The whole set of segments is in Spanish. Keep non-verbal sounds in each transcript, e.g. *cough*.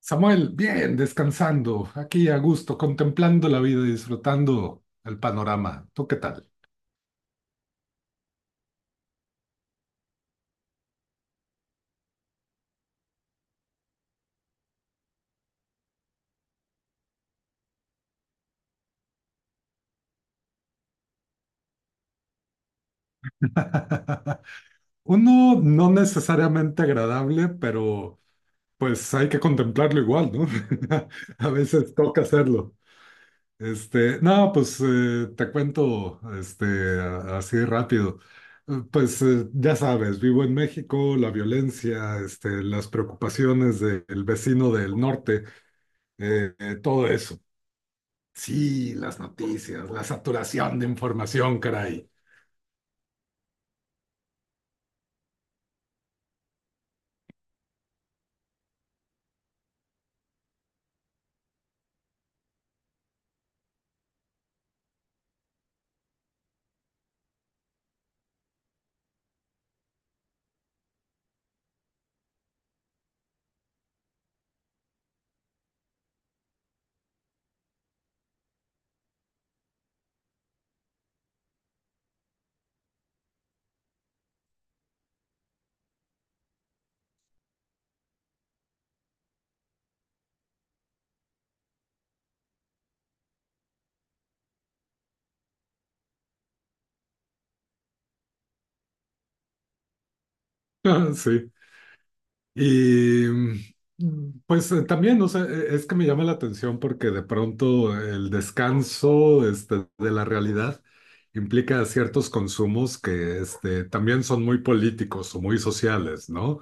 Samuel, bien, descansando, aquí a gusto, contemplando la vida y disfrutando el panorama. ¿Tú qué tal? *laughs* Uno no necesariamente agradable, pero pues hay que contemplarlo igual, ¿no? *laughs* A veces toca hacerlo. Este, no, pues te cuento así rápido. Pues ya sabes, vivo en México, la violencia, este, las preocupaciones del vecino del norte, todo eso. Sí, las noticias, la saturación de información, caray. *laughs* Ah, sí. Y pues también, o sea, es que me llama la atención porque de pronto el descanso este, de la realidad implica ciertos consumos que este, también son muy políticos o muy sociales, ¿no?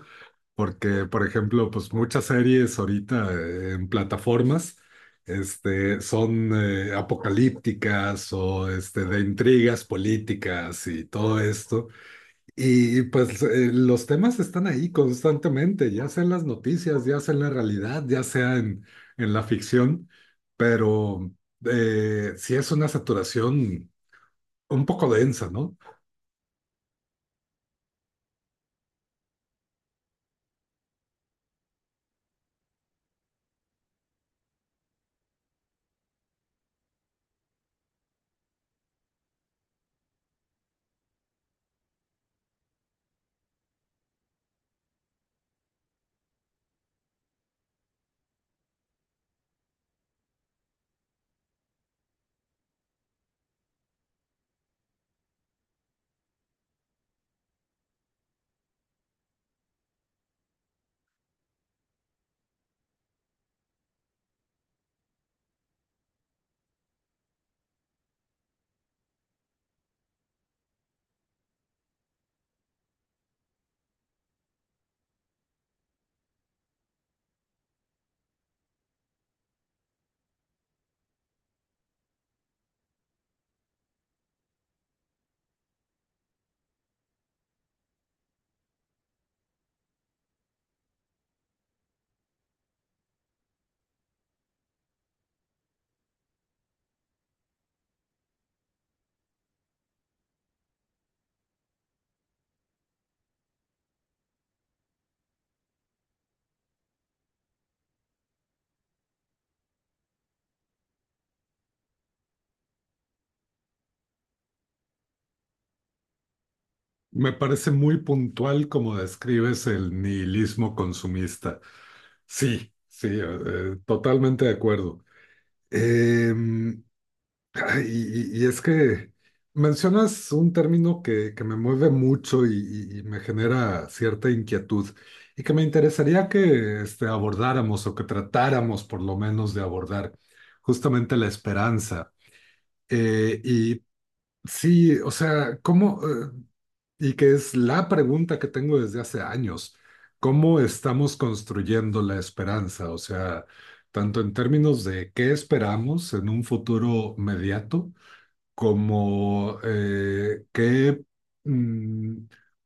Porque, por ejemplo, pues muchas series ahorita en plataformas este, son apocalípticas o este, de intrigas políticas y todo esto. Y pues los temas están ahí constantemente, ya sea en las noticias, ya sea en la realidad, ya sea en la ficción, pero sí es una saturación un poco densa, ¿no? Me parece muy puntual como describes el nihilismo consumista. Sí, sí, totalmente de acuerdo. Em, ay, y es que mencionas un término que me mueve mucho y, y me genera cierta inquietud y que me interesaría que este, abordáramos o que tratáramos por lo menos de abordar justamente la esperanza. Eh, y sí, o sea, ¿cómo? Y que es la pregunta que tengo desde hace años. ¿Cómo estamos construyendo la esperanza? O sea, tanto en términos de qué esperamos en un futuro mediato, como qué mm,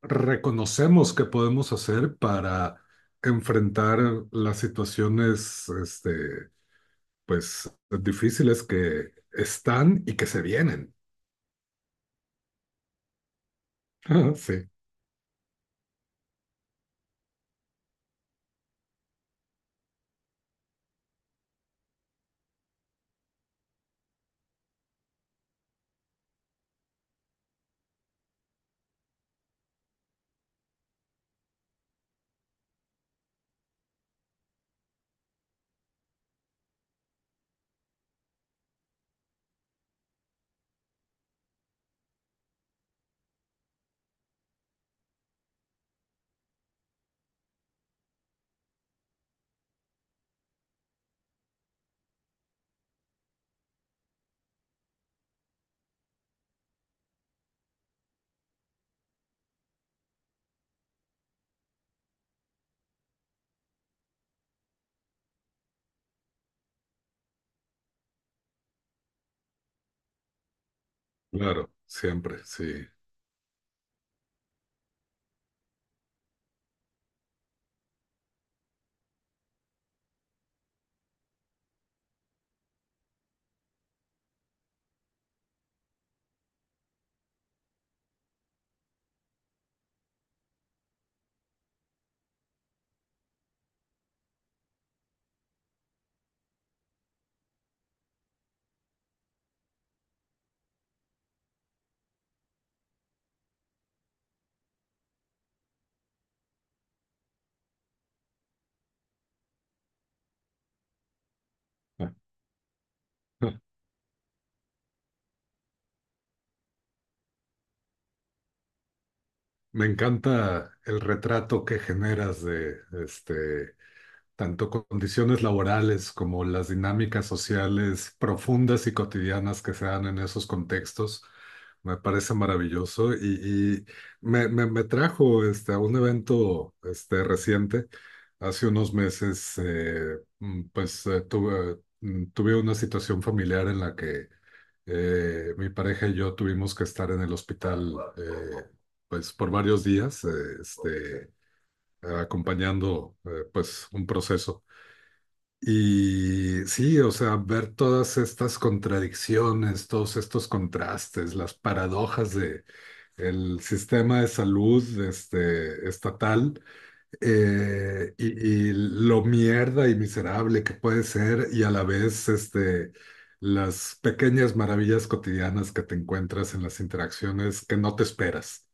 reconocemos que podemos hacer para enfrentar las situaciones, este, pues, difíciles que están y que se vienen. *laughs* Sí, claro, siempre, sí. *laughs* Me encanta el retrato que generas de este tanto condiciones laborales como las dinámicas sociales profundas y cotidianas que se dan en esos contextos. Me parece maravilloso y me trajo este, a un evento este, reciente. Hace unos meses, pues tuve, tuve una situación familiar en la que mi pareja y yo tuvimos que estar en el hospital pues por varios días, este, acompañando pues un proceso. Y sí, o sea, ver todas estas contradicciones, todos estos contrastes, las paradojas de el sistema de salud este, estatal eh, y, y lo mierda y miserable que puede ser y a la vez este, las pequeñas maravillas cotidianas que te encuentras en las interacciones que no te esperas.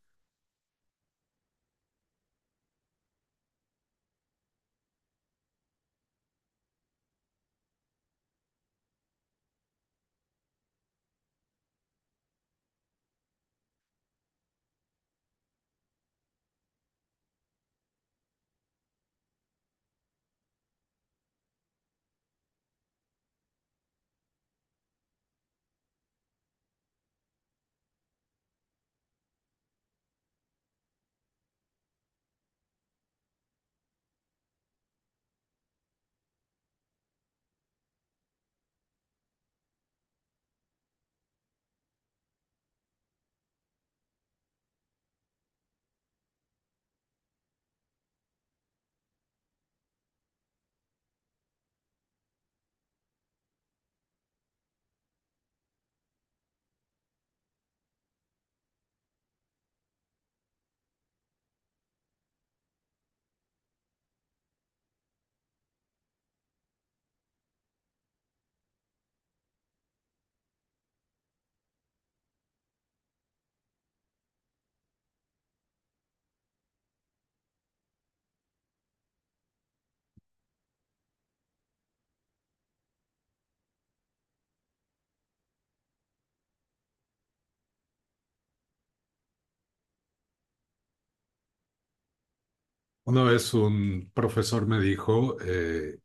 Una vez un profesor me dijo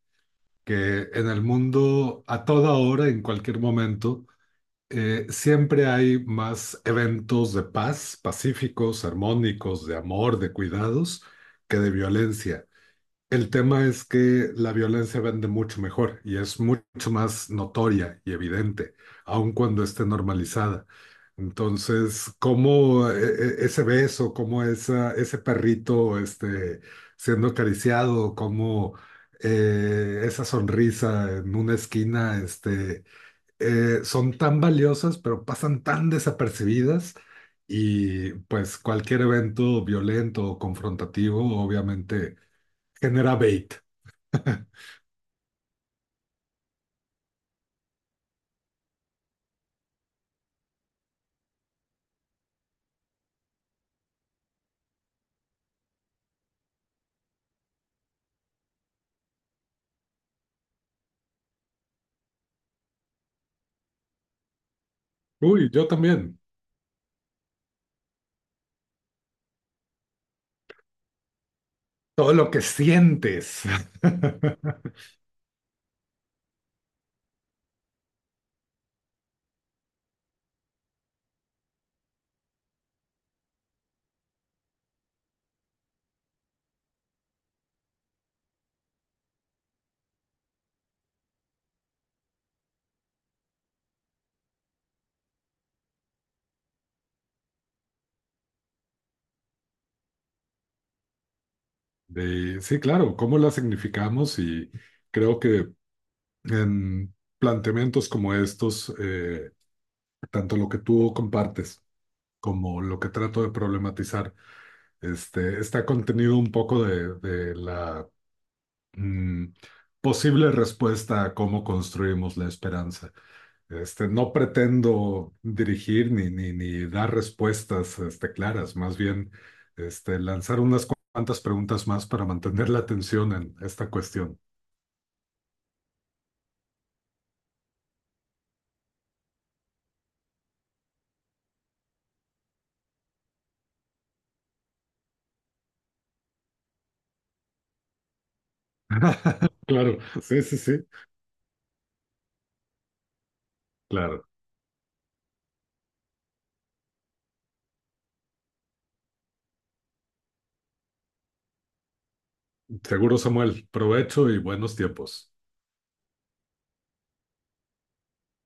que en el mundo a toda hora, en cualquier momento, siempre hay más eventos de paz, pacíficos, armónicos, de amor, de cuidados, que de violencia. El tema es que la violencia vende mucho mejor y es mucho más notoria y evidente, aun cuando esté normalizada. Entonces, cómo ese beso, cómo esa, ese perrito este, siendo acariciado, cómo esa sonrisa en una esquina, son tan valiosas, pero pasan tan desapercibidas y pues cualquier evento violento o confrontativo obviamente genera bait. *laughs* Uy, yo también. Todo lo que sientes. *laughs* De- sí, claro, cómo la significamos y creo que en planteamientos como estos, tanto lo que tú compartes como lo que trato de problematizar, este, está contenido un poco de la Mm, posible respuesta a cómo construimos la esperanza. Este, no pretendo dirigir ni ni dar respuestas, este, claras, más bien, este, lanzar unas cuantas preguntas más para mantener la atención en esta cuestión. Claro, *laughs* sí, sí, sí. Claro. Seguro, Samuel. Provecho y buenos tiempos.